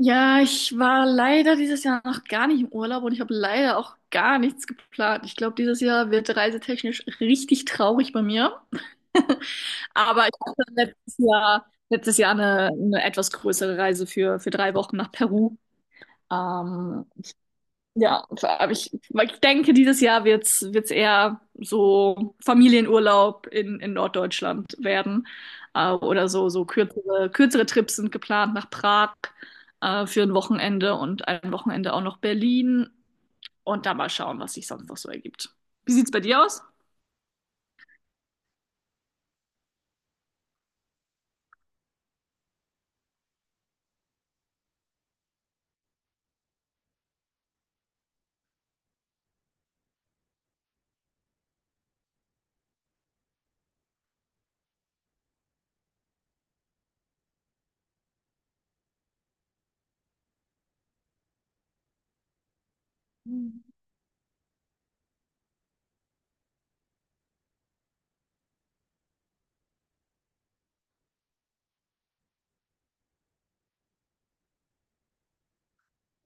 Ja, ich war leider dieses Jahr noch gar nicht im Urlaub und ich habe leider auch gar nichts geplant. Ich glaube, dieses Jahr wird reisetechnisch richtig traurig bei mir. Aber ich hatte letztes Jahr eine etwas größere Reise für drei Wochen nach Peru. Ähm, ja, aber ich denke, dieses Jahr wird's eher so Familienurlaub in Norddeutschland werden. Oder so, so kürzere Trips sind geplant nach Prag für ein Wochenende und ein Wochenende auch noch Berlin. Und da mal schauen, was sich sonst noch so ergibt. Wie sieht's bei dir aus?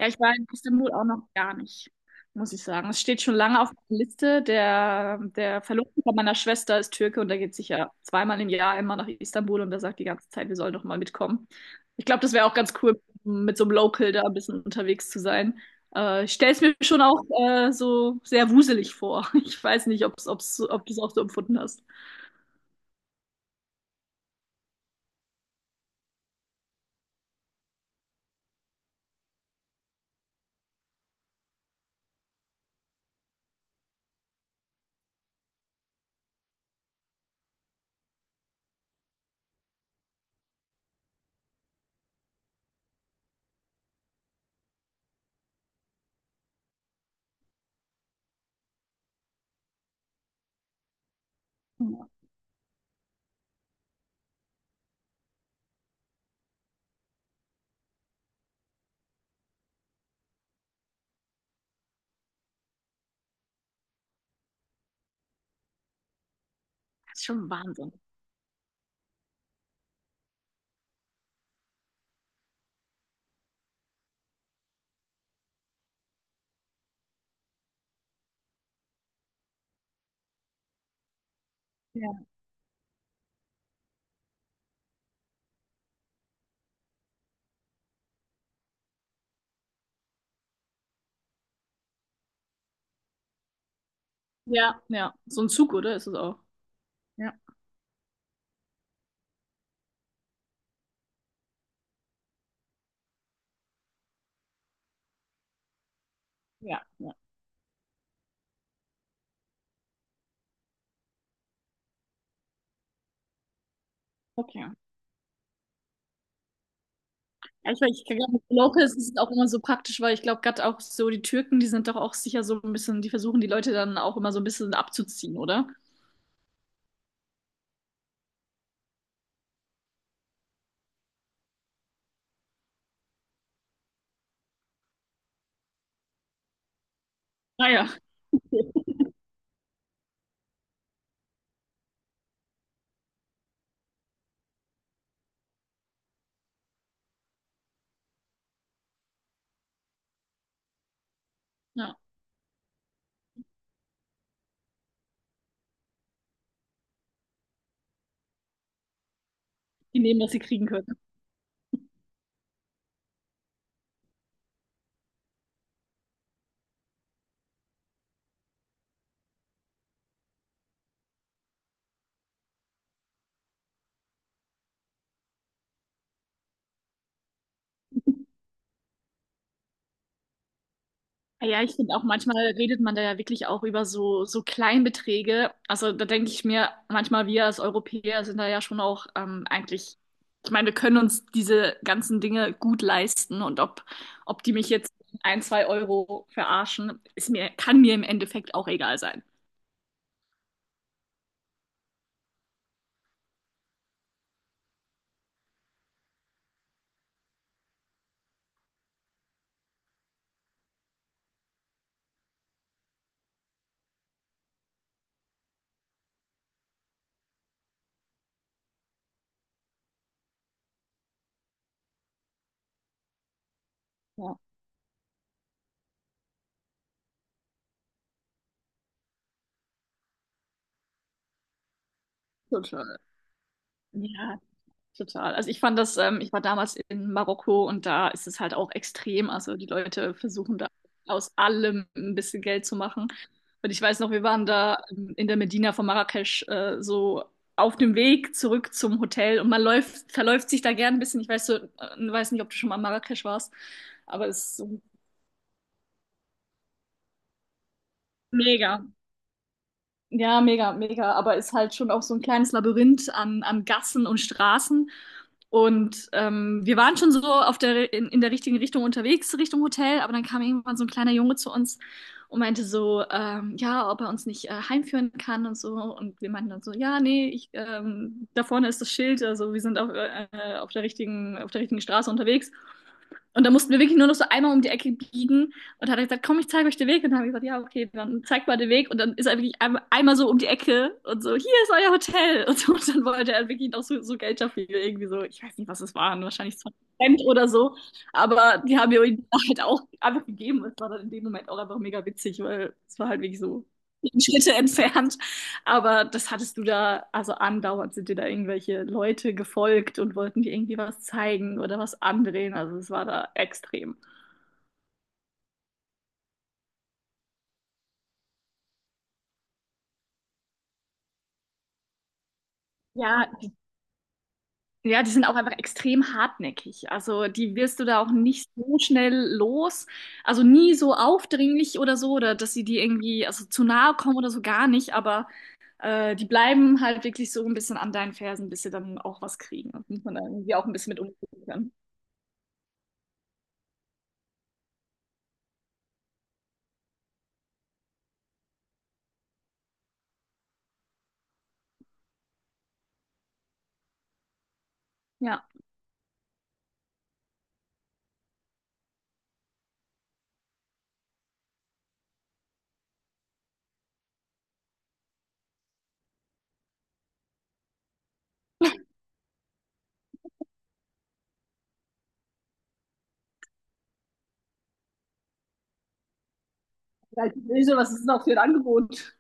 Ja, ich war in Istanbul auch noch gar nicht, muss ich sagen. Es steht schon lange auf der Liste. Der Verlobte von meiner Schwester ist Türke und der geht sicher zweimal im Jahr immer nach Istanbul und der sagt die ganze Zeit, wir sollen doch mal mitkommen. Ich glaube, das wäre auch ganz cool, mit so einem Local da ein bisschen unterwegs zu sein. Ich stelle es mir schon auch so sehr wuselig vor. Ich weiß nicht, ob du es auch so empfunden hast. Ja. Das ist schon Wahnsinn. Ja. Ja, ja. So ein Zug, oder? Ist es auch. Ja. Ja, ja. Okay. Ja, ich glaube, es ist es auch immer so praktisch, weil ich glaube, gerade auch so die Türken, die sind doch auch sicher so ein bisschen, die versuchen die Leute dann auch immer so ein bisschen abzuziehen, oder? Naja, ja. Ja. Die nehmen, was sie kriegen können. Ja, ja, ich finde auch manchmal redet man da ja wirklich auch über so, so Kleinbeträge. Also da denke ich mir, manchmal wir als Europäer sind da ja schon auch eigentlich, ich meine, wir können uns diese ganzen Dinge gut leisten und ob die mich jetzt ein, zwei Euro verarschen, ist mir, kann mir im Endeffekt auch egal sein. Ja, total. Ja, total. Also ich fand das, ich war damals in Marokko und da ist es halt auch extrem. Also die Leute versuchen da aus allem ein bisschen Geld zu machen. Und ich weiß noch, wir waren da in der Medina von Marrakesch so auf dem Weg zurück zum Hotel und man läuft, verläuft sich da gern ein bisschen. Ich weiß so, weiß nicht, ob du schon mal in Marrakesch warst, aber es ist so mega. Ja, mega, mega. Aber ist halt schon auch so ein kleines Labyrinth an Gassen und Straßen. Und wir waren schon so auf der, in der richtigen Richtung unterwegs, Richtung Hotel. Aber dann kam irgendwann so ein kleiner Junge zu uns und meinte so, ja, ob er uns nicht heimführen kann und so. Und wir meinten dann so, ja, nee, da vorne ist das Schild. Also wir sind auf der richtigen Straße unterwegs. Und da mussten wir wirklich nur noch so einmal um die Ecke biegen und hat er gesagt, komm, ich zeige euch den Weg. Und dann habe ich gesagt, ja, okay, dann zeig mal den Weg. Und dann ist er wirklich einmal so um die Ecke und so, hier ist euer Hotel. Und, so, und dann wollte er wirklich noch so, so Geld dafür, irgendwie so, ich weiß nicht, was es waren, wahrscheinlich 20 Cent oder so. Aber die haben mir ihm halt auch einfach gegeben. Es war dann in dem Moment auch einfach mega witzig, weil es war halt wirklich so zehn Schritte entfernt. Aber das hattest du da, also andauernd sind dir da irgendwelche Leute gefolgt und wollten dir irgendwie was zeigen oder was andrehen. Also es war da extrem. Ja, die, ja, die sind auch einfach extrem hartnäckig. Also die wirst du da auch nicht so schnell los. Also nie so aufdringlich oder so, oder dass sie dir irgendwie also zu nahe kommen oder so gar nicht. Aber die bleiben halt wirklich so ein bisschen an deinen Fersen, bis sie dann auch was kriegen. Das muss man dann irgendwie auch ein bisschen mit umgehen können. Ja. Halt böse, was ist denn auch für ein Angebot?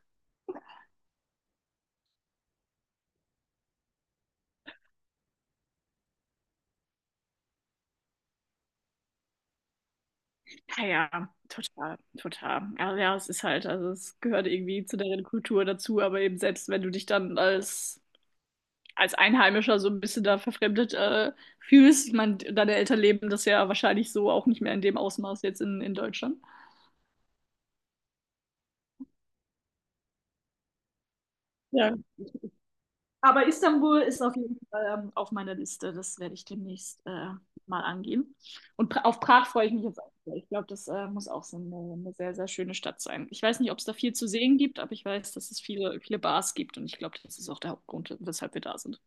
Ja, ja, total, total. Ja, ja, es ist halt, also es gehört irgendwie zu deren Kultur dazu, aber eben selbst wenn du dich dann als, als Einheimischer so ein bisschen da verfremdet fühlst, ich meine, deine Eltern leben das ja wahrscheinlich so auch nicht mehr in dem Ausmaß jetzt in Deutschland. Ja. Aber Istanbul ist auf jeden Fall auf meiner Liste. Das werde ich demnächst mal angehen. Und pra auf Prag freue ich mich jetzt auch sehr. Ich glaube, das muss auch so eine sehr, sehr schöne Stadt sein. Ich weiß nicht, ob es da viel zu sehen gibt, aber ich weiß, dass es viele, viele Bars gibt. Und ich glaube, das ist auch der Hauptgrund, weshalb wir da sind.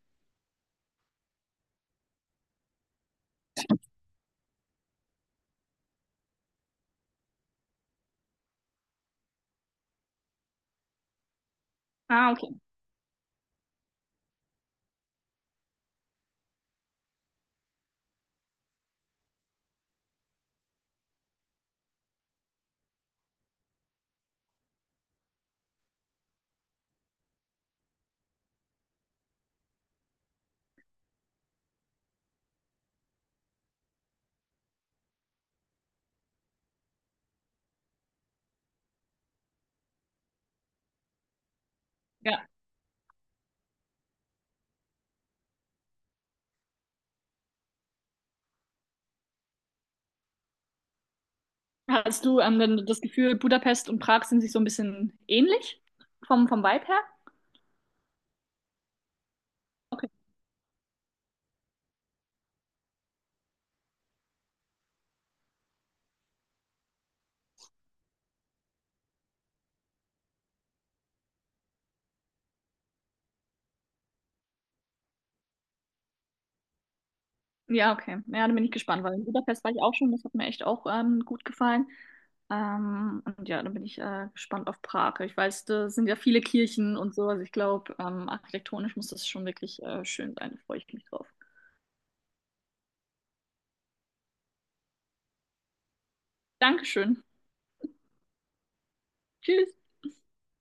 Ah, okay. Ja. Hast du denn das Gefühl, Budapest und Prag sind sich so ein bisschen ähnlich vom Vibe her? Okay. Ja, okay. Ja, dann bin ich gespannt, weil in Budapest war ich auch schon. Das hat mir echt auch gut gefallen. Und ja, dann bin ich gespannt auf Prag. Ich weiß, da sind ja viele Kirchen und so. Also ich glaube, architektonisch muss das schon wirklich schön sein. Da freue ich mich drauf. Dankeschön. Tschüss.